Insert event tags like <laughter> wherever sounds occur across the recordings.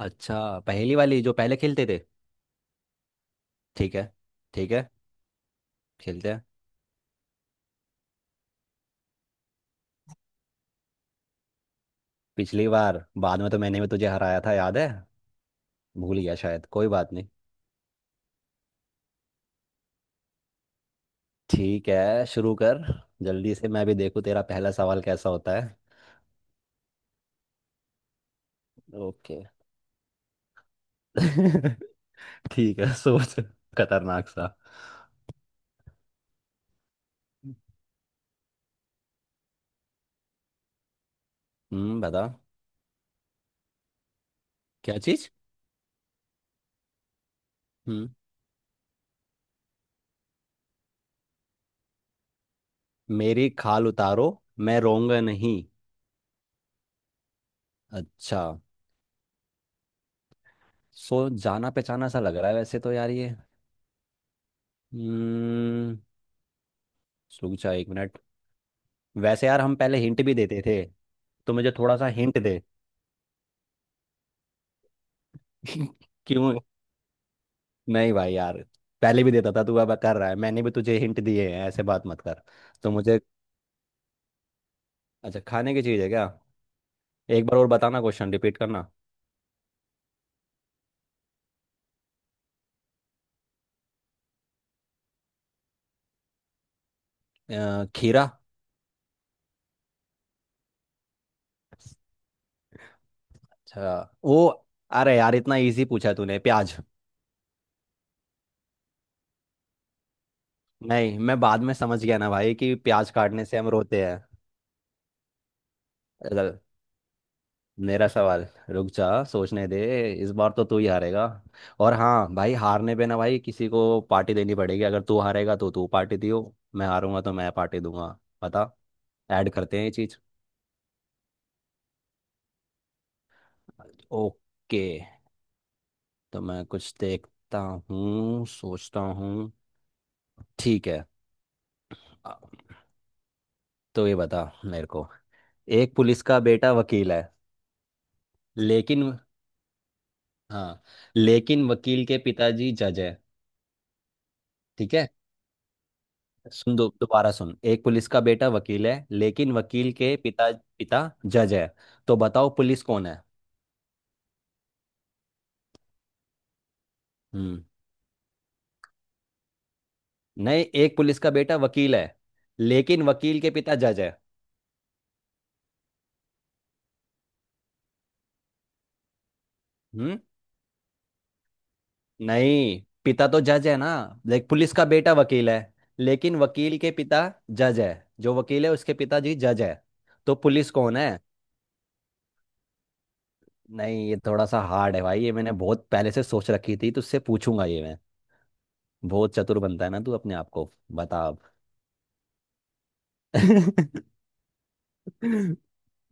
अच्छा, पहेली वाली जो पहले खेलते थे। ठीक है। ठीक है, खेलते हैं। पिछली बार बाद में तो मैंने भी तुझे हराया था, याद है। भूल गया शायद, कोई बात नहीं। ठीक है, शुरू कर। जल्दी से मैं भी देखूं तेरा पहला सवाल कैसा होता है। ओके। <laughs> ठीक है, सोच। खतरनाक सा। हम्म, बता। क्या चीज हम्म मेरी खाल उतारो, मैं रोऊंगा नहीं। अच्छा। सो, जाना पहचाना सा लग रहा है वैसे तो यार ये। हम्म रुक जा, 1 मिनट। वैसे यार, हम पहले हिंट भी देते थे। तो मुझे थोड़ा सा हिंट दे। <laughs> क्यों? नहीं भाई यार। पहले भी देता था तू, अब कर रहा है। मैंने भी तुझे हिंट दिए हैं, ऐसे बात मत कर। तो मुझे अच्छा, खाने की चीज़ है क्या? एक बार और बताना, क्वेश्चन रिपीट करना। खीरा। अच्छा वो। अरे यार, इतना इजी पूछा तूने। प्याज। नहीं, मैं बाद में समझ गया ना भाई कि प्याज काटने से हम रोते हैं। मेरा सवाल। रुक जा, सोचने दे। इस बार तो तू ही हारेगा। और हाँ भाई, हारने पे ना भाई किसी को पार्टी देनी पड़ेगी। अगर तू हारेगा तो तू पार्टी दियो। मैं हारूंगा तो मैं पार्टी दूंगा, पता। ऐड करते हैं ये चीज। ओके। तो मैं कुछ देखता हूँ, सोचता हूँ। ठीक है। अ, तो ये बता मेरे को। एक पुलिस का बेटा वकील है, लेकिन। हाँ, लेकिन वकील के पिताजी जज है। ठीक है, सुन। दो दोबारा सुन, एक पुलिस का बेटा वकील है लेकिन वकील के पिता पिता जज है। तो बताओ, पुलिस कौन है? हम्म नहीं, एक पुलिस का बेटा वकील है लेकिन वकील के पिता जज है। हम्म नहीं, पिता तो जज है ना। लाइक, पुलिस का बेटा वकील है लेकिन वकील के पिता जज है। जो वकील है उसके पिताजी जज है। तो पुलिस कौन है? नहीं, ये थोड़ा सा हार्ड है भाई। ये मैंने बहुत पहले से सोच रखी थी, तुझसे पूछूंगा ये मैं। बहुत चतुर बनता है ना तू अपने आप को, बता। अब। <laughs>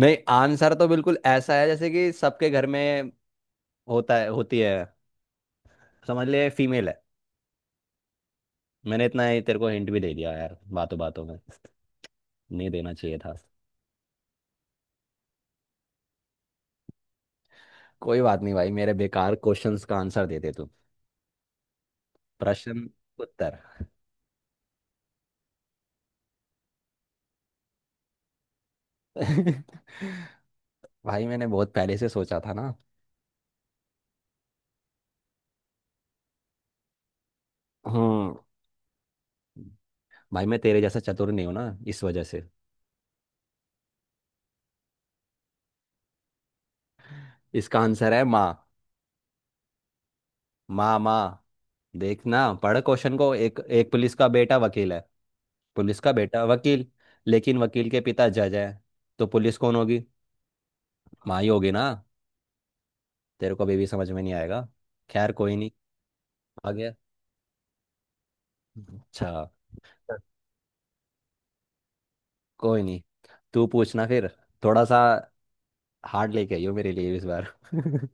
नहीं, आंसर तो बिल्कुल ऐसा है जैसे कि सबके घर में होता है, होती है। समझ ले, फीमेल है। मैंने इतना ही तेरे को हिंट भी दे दिया यार, बातों बातों में। नहीं देना चाहिए था। कोई बात नहीं भाई, मेरे बेकार क्वेश्चंस का आंसर दे दे तू। प्रश्न, उत्तर। <laughs> भाई मैंने बहुत पहले से सोचा था ना। हम्म। भाई मैं तेरे जैसा चतुर नहीं हूं ना, इस वजह से। इसका आंसर है माँ। माँ, माँ। देखना, पढ़ क्वेश्चन को, एक एक पुलिस का बेटा वकील है। पुलिस का बेटा वकील, लेकिन वकील के पिता जज है। तो पुलिस कौन होगी? माँ ही होगी ना। तेरे को अभी भी समझ में नहीं आएगा। खैर, कोई नहीं। आ गया। अच्छा। कोई नहीं, तू पूछना फिर। थोड़ा सा हार्ड लेके आइयो मेरे लिए इस बार। <laughs> हम्म।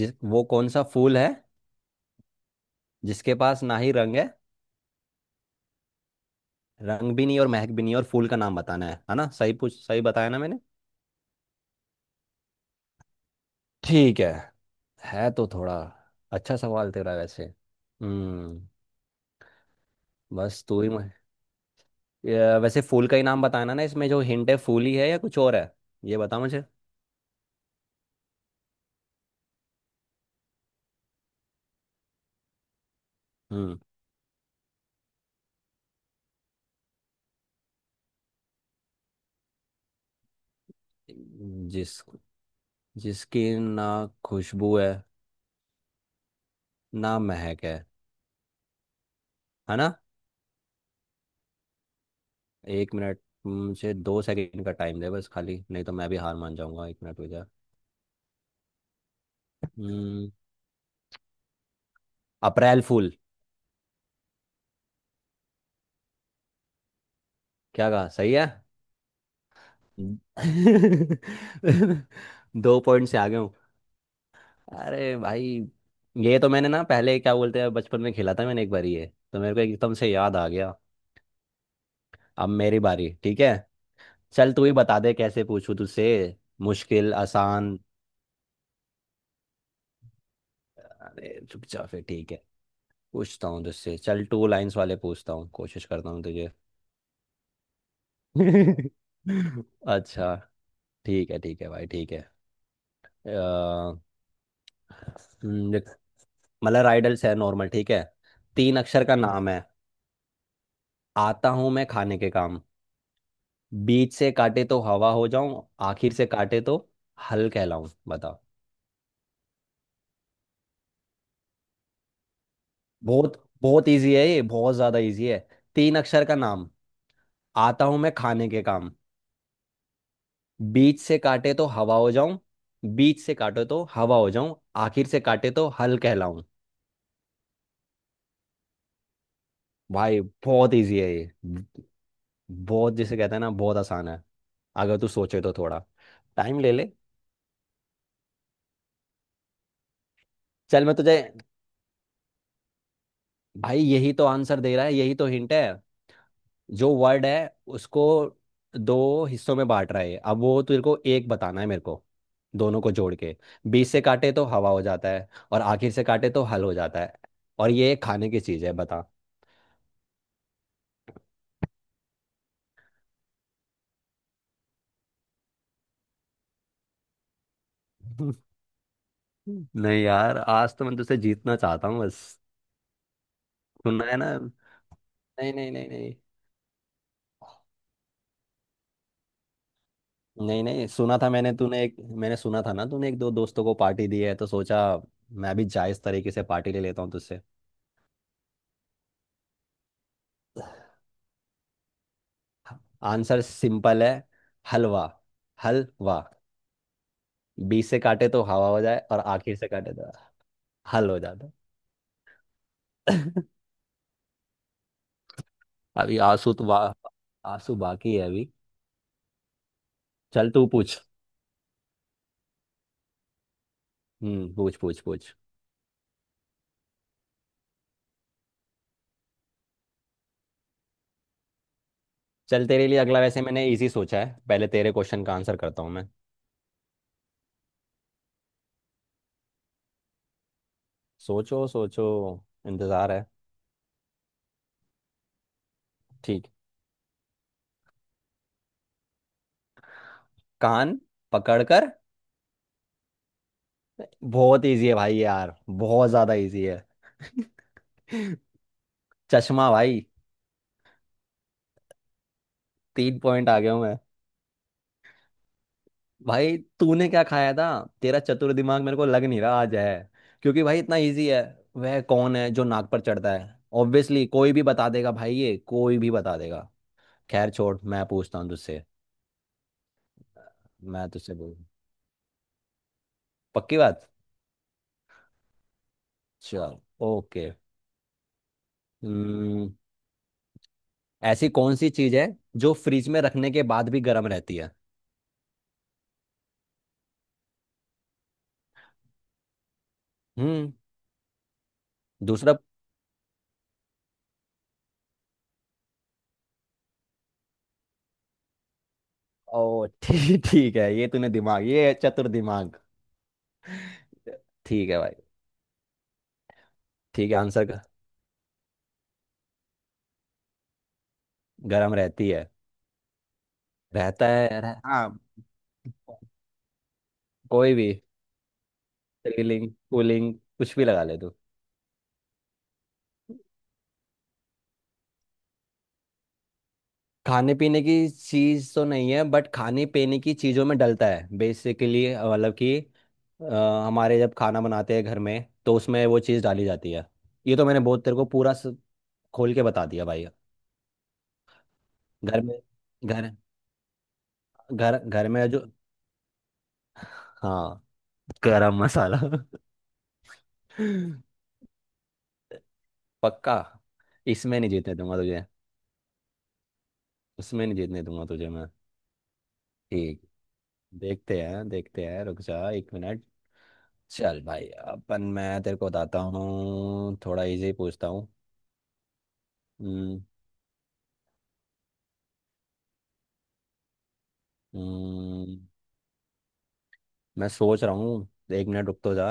जिस वो कौन सा फूल है जिसके पास ना ही रंग है। रंग भी नहीं और महक भी नहीं, और फूल का नाम बताना है ना? सही पूछ सही बताया ना मैंने? ठीक है। है तो थोड़ा। अच्छा सवाल तेरा वैसे। हम्म। बस तू ही मैं। ये वैसे फूल का ही नाम बताना ना, इसमें जो हिंट है फूल ही है या कुछ और है? ये बता मुझे। हम्म जिस जिसकी ना खुशबू है, ना महक है ना? एक मिनट। मुझे 2 सेकंड का टाइम दे बस खाली, नहीं तो मैं भी हार मान जाऊंगा। 1 मिनट हो जाए। हम्म। अप्रैल फूल। क्या कहा? सही है? <laughs> 2 पॉइंट से आगे। अरे भाई। ये तो मैंने ना, पहले क्या बोलते हैं, बचपन में खेला था मैंने एक बारी ये। तो मेरे को एकदम से याद आ गया। अब मेरी बारी। ठीक है। चल, तू ही बता दे कैसे पूछूं तुझसे, मुश्किल आसान। अरे चुपचाप फिर, ठीक है। पूछता हूँ तुझसे चल, टू लाइंस वाले पूछता हूँ, कोशिश करता हूँ तुझे। <laughs> अच्छा। ठीक है, ठीक है भाई, ठीक है। अ, देख, मतलब राइडल्स है नॉर्मल, ठीक है। 3 अक्षर का नाम है, आता हूँ मैं खाने के काम। बीच से काटे तो हवा हो जाऊं, आखिर से काटे तो हल कहलाऊं। बताओ। बहुत बहुत इजी है ये, बहुत ज्यादा इजी है। 3 अक्षर का नाम, आता हूं मैं खाने के काम। बीच से काटे तो हवा हो जाऊं, बीच से काटे तो हवा हो जाऊं, आखिर से काटे तो हल कहलाऊं। भाई बहुत इजी है ये, बहुत, जिसे कहते हैं ना, बहुत आसान है। अगर तू सोचे तो थोड़ा टाइम ले ले। चल मैं तुझे। भाई यही तो आंसर दे रहा है, यही तो हिंट है। जो वर्ड है उसको 2 हिस्सों में बांट रहा है, अब वो तेरे को एक बताना है मेरे को, दोनों को जोड़ के। बीच से काटे तो हवा हो जाता है, और आखिर से काटे तो हल हो जाता है। और ये खाने की चीज है, बता। <laughs> नहीं यार, आज तो मैं तुझसे जीतना चाहता हूँ बस। सुना है ना। नहीं, नहीं, नहीं, नहीं। नहीं, नहीं सुना था मैंने, तूने एक, मैंने सुना था ना तूने एक दो दोस्तों को पार्टी दी है, तो सोचा मैं भी जायज तरीके से पार्टी ले लेता हूँ तुझसे। आंसर सिंपल है, हलवा। हलवा, बीच से काटे तो हवा हो जाए और आखिर से काटे तो हल हो जाता। <laughs> अभी आंसू तो आंसू बाकी है अभी। चल तू पूछ। पूछ पूछ पूछ। चल, तेरे लिए अगला वैसे मैंने इजी सोचा है, पहले तेरे क्वेश्चन का आंसर करता हूँ मैं। सोचो सोचो, इंतजार है। ठीक। कान पकड़कर। बहुत इजी है भाई यार, बहुत ज्यादा इजी है। <laughs> चश्मा भाई। 3 पॉइंट आ गया हूँ। भाई तूने क्या खाया था? तेरा चतुर दिमाग मेरे को लग नहीं रहा आज है, क्योंकि भाई इतना इजी है। वह कौन है जो नाक पर चढ़ता है, ऑब्वियसली कोई भी बता देगा भाई, ये कोई भी बता देगा। खैर छोड़, मैं पूछता हूँ तुझसे। मैं तुझसे बोल, पक्की बात। चल। ओके। हम्म ऐसी कौन सी चीज है जो फ्रिज में रखने के बाद भी गर्म रहती है? हम्म। दूसरा। ओ, <laughs> ठीक। ठीक है, ये तूने दिमाग, ये है चतुर दिमाग। ठीक है भाई, ठीक है। आंसर। गर्म रहती है, रहता है यार, हाँ। कोई भी सीलिंग कूलिंग कुछ भी लगा ले तू। खाने पीने की चीज तो नहीं है, बट खाने पीने की चीजों में डलता है बेसिकली, मतलब कि। हमारे जब खाना बनाते हैं घर में तो उसमें वो चीज डाली जाती है। ये तो मैंने बहुत तेरे को पूरा खोल के बता दिया भाई। घर में घर घर में जो, हाँ। गरम मसाला। <laughs> पक्का। इसमें नहीं जीतने दूंगा तुझे। उसमें नहीं जीतने दूंगा तुझे मैं। ठीक। देखते हैं, देखते हैं, रुक जा 1 मिनट। चल भाई अपन, मैं तेरे को बताता हूँ, थोड़ा इजी पूछता हूँ। हम्म, हम्म, मैं सोच रहा हूँ, 1 मिनट रुक तो जा।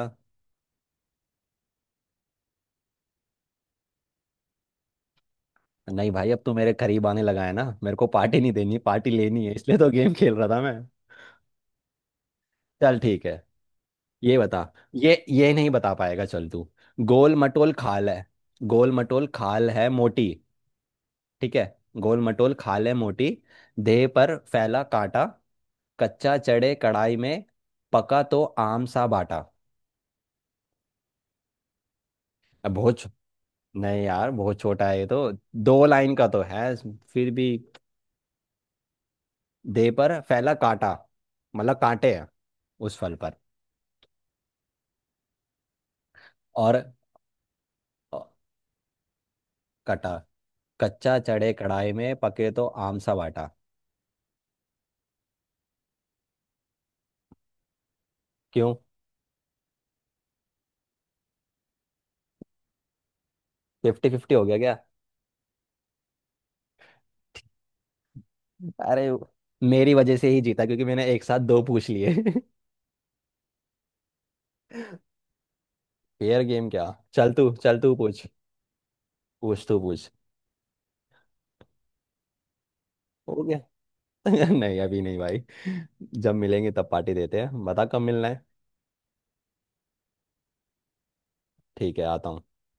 नहीं भाई, अब तू मेरे करीब आने लगा है ना, मेरे को पार्टी नहीं देनी, पार्टी लेनी है, इसलिए तो गेम खेल रहा था मैं। चल ठीक है, ये बता। ये नहीं बता पाएगा, चल तू। गोल मटोल खाल है। गोल मटोल खाल है मोटी। ठीक है। गोल मटोल खाल है मोटी, देह पर फैला कांटा, कच्चा चढ़े कढ़ाई में, पका तो आम सा बाटा। अब बहुत छो- नहीं यार, बहुत छोटा है ये तो, 2 लाइन का तो है। फिर भी, देह पर फैला कांटा, मतलब कांटे हैं उस फल पर। और अ, कटा, कच्चा चढ़े कढ़ाई में, पके तो आम सा बाटा। क्यों? फिफ्टी फिफ्टी हो गया क्या? अरे, मेरी वजह से ही जीता क्योंकि मैंने एक साथ दो पूछ लिए। <laughs> फेयर गेम क्या? चल तू, चल तू पूछ। पूछ तू पूछ। हो गया। <laughs> नहीं, अभी नहीं भाई। जब मिलेंगे तब पार्टी देते हैं, बता कब मिलना है? ठीक है, आता हूँ।